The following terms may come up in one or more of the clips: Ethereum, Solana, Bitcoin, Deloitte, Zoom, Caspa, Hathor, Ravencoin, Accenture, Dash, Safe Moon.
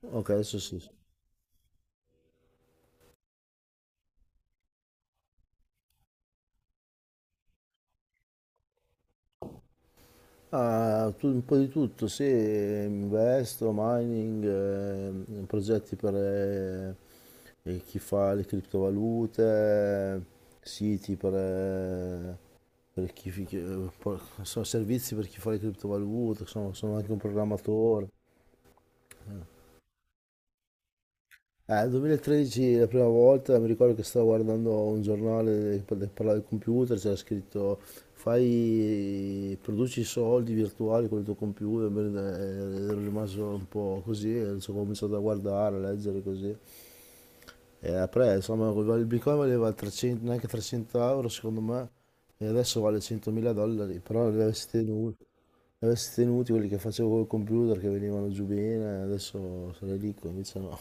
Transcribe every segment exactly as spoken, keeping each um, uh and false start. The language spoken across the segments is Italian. Ok, adesso sì. Sì. Ah, tu- un po' di tutto, sì, investo, mining, eh, progetti per eh, eh, chi fa le criptovalute, eh, siti per, eh, per chi, fi- che- eh, po- sono servizi per chi fa le criptovalute, sono, sono anche un programmatore. Eh, duemilatredici la prima volta mi ricordo che stavo guardando un giornale che par- parlava del computer, c'era scritto: fai, produci soldi virtuali con il tuo computer. Bene, eh, ero rimasto un po' così, e ho cominciato a guardare, a leggere così. E après, insomma, il Bitcoin valeva trecento, neanche trecento euro secondo me, e adesso vale centomila dollari, però li avessi tenuti, li avessi tenuti quelli che facevo col computer, che venivano giù bene, adesso sarei ricco, invece no.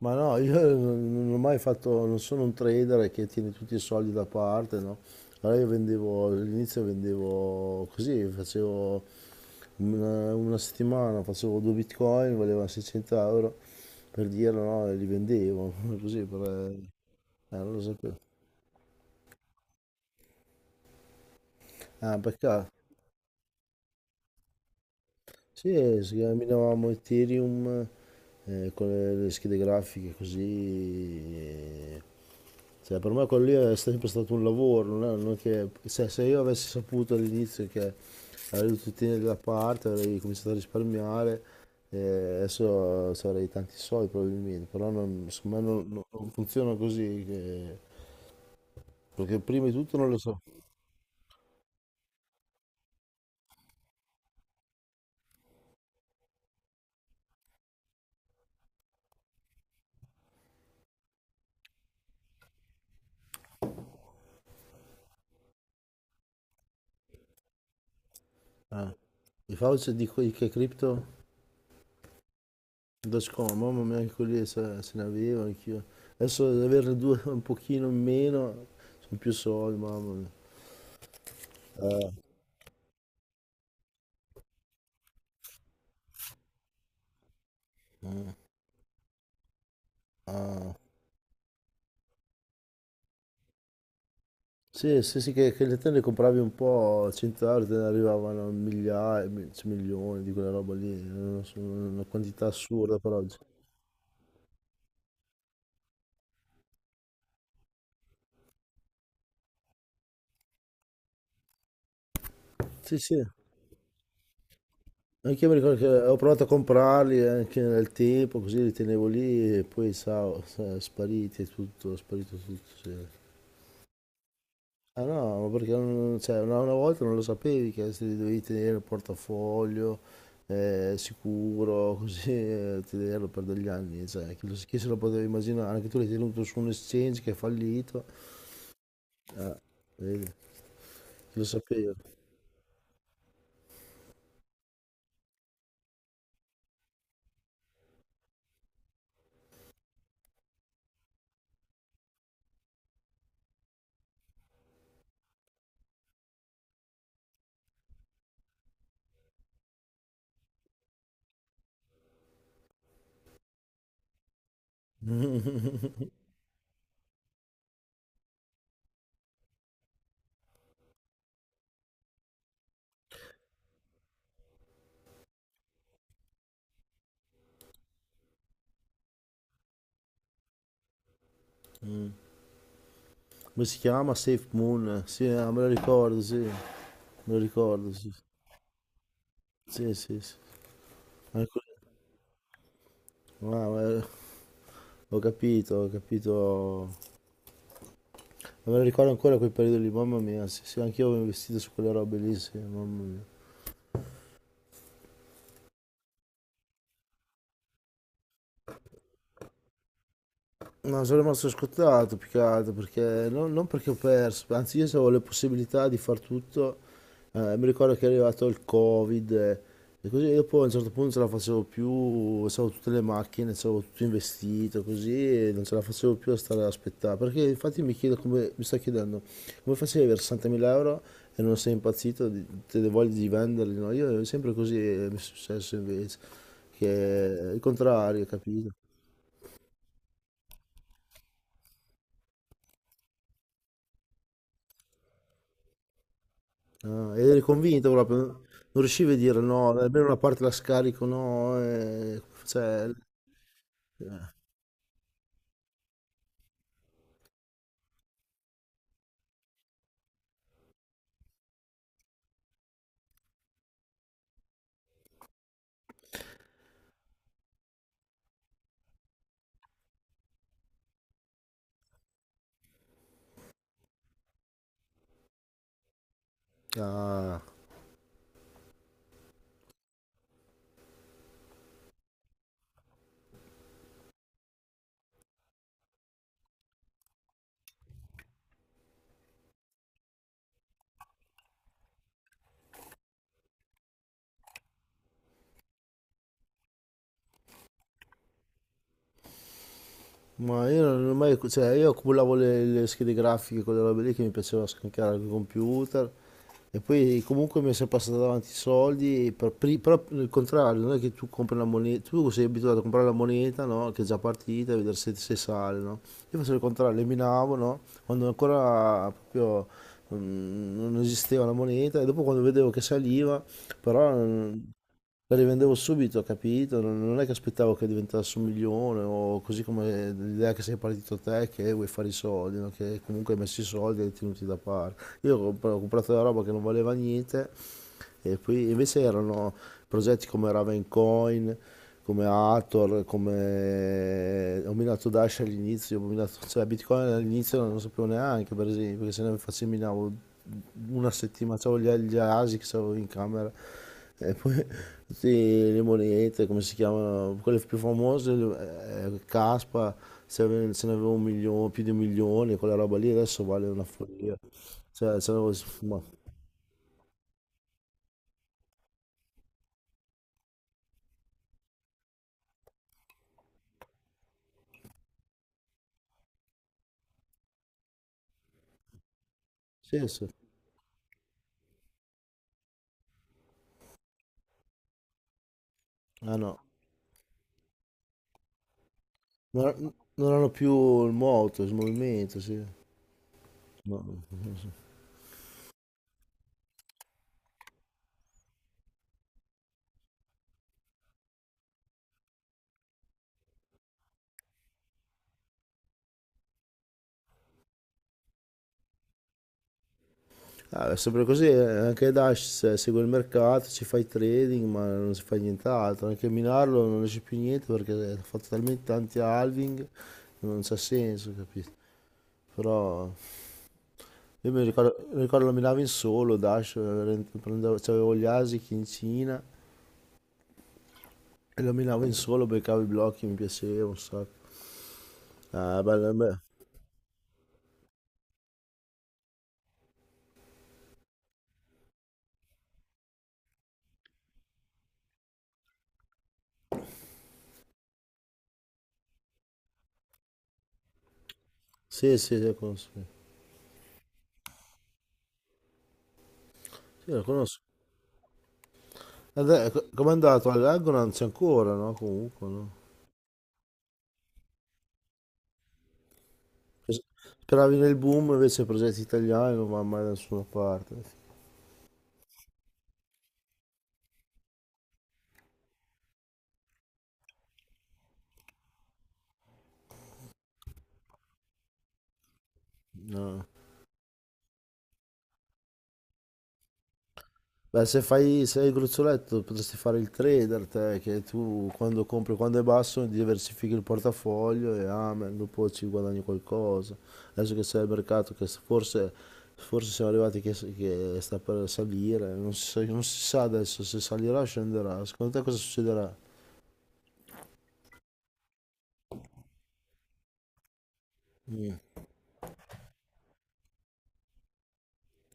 Ma no, io non non ho mai fatto, non sono un trader che tiene tutti i soldi da parte, no? Allora io vendevo, all'inizio vendevo così, facevo una, una settimana, facevo due bitcoin, valevano seicento euro, per dirlo, no? E li vendevo, così, per... eh, eh, non lo sapevo. Ah, peccato. Sì, si camminavamo Ethereum, eh, con le, le schede grafiche così. eh. Cioè, per me quello lì è sempre stato un lavoro, non è, non è che, cioè, se io avessi saputo all'inizio che avrei dovuto tenere da parte, avrei cominciato a risparmiare, eh, adesso avrei tanti soldi probabilmente, però non, secondo me non, non- non funziona così, che- perché prima di tutto non lo so. Eh, i Fauci dico di que- che cripto? Da scomodo, ma anche lì se, se ne avevo anch'io. Adesso ad averne due un pochino in meno, sono più soldi, mamma mia. Eh, Ah. Sì, sì, sì, che, che le te ne compravi un po', a cento euro te ne arrivavano migliaia, mi- cioè milioni di quella roba lì, non so, una quantità assurda per oggi. Sì, sì, anche io mi ricordo che ho provato a comprarli anche nel tempo, così li tenevo lì e poi sa, sa- spariti e tutto, è sparito tutto, sì. Ah no, ma perché non- cioè, una, una volta non lo sapevi che se li dovevi tenere il portafoglio eh, sicuro, così, eh, tenerlo per degli anni, cioè, chi, lo- chi se lo poteva immaginare, anche tu l'hai tenuto su un exchange che è fallito, eh, vedi, chi lo sapeva. Mm. Come si chiama? Safe Moon, sì, ah, me lo ricordo, sì, me lo ricordo, sì, sì, sì, sì. Anche- ah, ma- eh, ho capito, ho capito Non me lo ricordo ancora quel periodo lì, mamma mia, sì, sì, anch'io avevo investito su quelle robe lì, sì, mamma mia. No, sono rimasto scottato più che altro, perché non, non perché ho perso, anzi io se avevo le possibilità di far tutto. Eh, mi ricordo che è arrivato il Covid, eh, e così, e dopo a un certo punto non ce la facevo più, avevo tutte le macchine, avevo tutto investito così e non ce la facevo più a stare ad aspettare. Perché infatti mi chiedo come, mi sto chiedendo come facevi ad avere sessantamila euro e non sei impazzito, di- te le voglie di venderli, no? Io è sempre così, eh, mi è successo invece, che è il contrario, capito? Ah, ed eri convinto proprio, non riuscivi a dire no, almeno una parte la scarico, no, eh, cioè... Ah. Ma io non ho mai, cioè io accumulavo le, le schede grafiche, quelle robe lì che mi piaceva scaricare al computer, e poi comunque mi è sempre passato davanti i soldi, e per pri- però il contrario, non è che tu compri la moneta, tu sei abituato a comprare la moneta, no? Che è già partita e vedere se, se sale, no? Io facevo il contrario, le minavo, no? Quando ancora proprio mm, non esisteva la moneta, e dopo quando vedevo che saliva, però, mm, la rivendevo subito, capito? Non non è che aspettavo che diventasse un milione o così, come l'idea che sei partito te, che vuoi fare i soldi, no? Che comunque hai messo i soldi e li hai tenuti da parte. Io ho comp- ho comprato la roba che non valeva niente, e poi invece erano progetti come Ravencoin, come Hathor, come ho minato Dash all'inizio, ho minato- cioè Bitcoin all'inizio non lo sapevo neanche, per esempio, perché se ne facevo minavo una settimana, c'avevo gli, gli ASIC, c'avevo in camera. E poi tutte le monete, come si chiama, quelle più famose, le- eh, Caspa, se, ave- se ne avevo un milione, più di un milione, quella roba lì adesso vale una follia. Cioè, se avevo- ma, sì, sì. Ah no, non, non hanno più il moto, il movimento, sì. No, non so. Ah, è sempre così, eh, anche Dash, eh, segue il mercato, ci fa i trading, ma non si fa nient'altro, anche a minarlo non esce più niente perché ha fatto talmente tanti halving, non c'ha senso, capito? Però Io mi ricordo, mi ricordo lo minavo in solo, Dash, eh, prendevo, c'avevo gli Asics in Cina e lo minavo in solo, beccavo i blocchi, mi piaceva un sacco. Ah, bello, bello. Sì, sì, sì, lo conosco. Sì, lo conosco. Adè, co- com'è andato? All'Agro non c'è ancora, no? Comunque, no? Speravi nel boom, invece progetti italiani non vanno mai da nessuna parte. No. Beh, se fai, se hai il gruzzoletto potresti fare il trader, te, che tu quando compri quando è basso diversifichi il portafoglio e amen, dopo ci guadagni qualcosa. Adesso che sei al mercato, che forse, forse siamo arrivati che, che sta per salire, non si, sa- non si sa adesso se salirà o scenderà. Secondo te cosa succederà? Mm.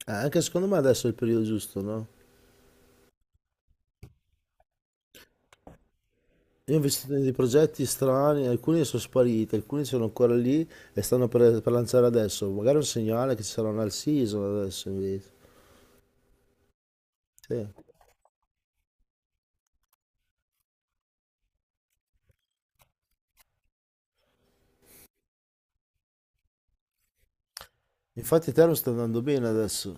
Eh, anche secondo me adesso è il periodo giusto, no? Io ho investito in dei progetti strani, alcuni sono spariti, alcuni sono ancora lì e stanno per, per lanciare adesso. Magari è un segnale che ci sarà un all season adesso invece. Sì. Infatti Ethereum sta andando bene adesso.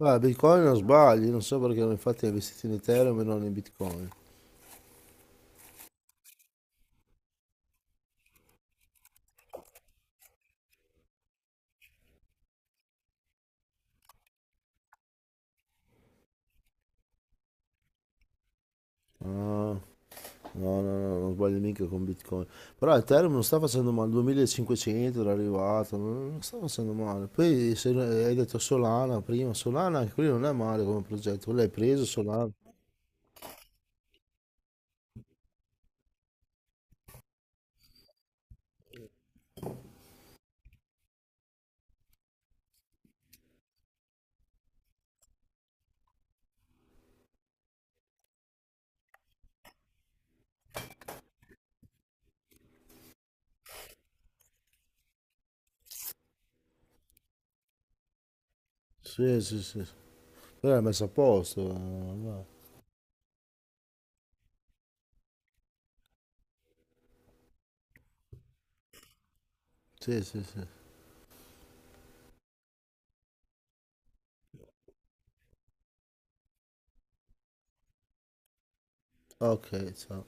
Ah, Bitcoin non sbagli, non so perché infatti ho investito in Ethereum e non in Bitcoin. Ah, no, no, no, non sbaglio mica con Bitcoin. Però Ethereum non sta facendo male, duemilacinquecento era arrivato, non, non sta facendo male. Poi se hai detto Solana prima, Solana anche quello non è male come progetto, quello l'hai preso Solana. Sì, sì, sì. Sì. Tu l'hai messo a posto. eh, va. Sì, sì, sì. Ok, ciao.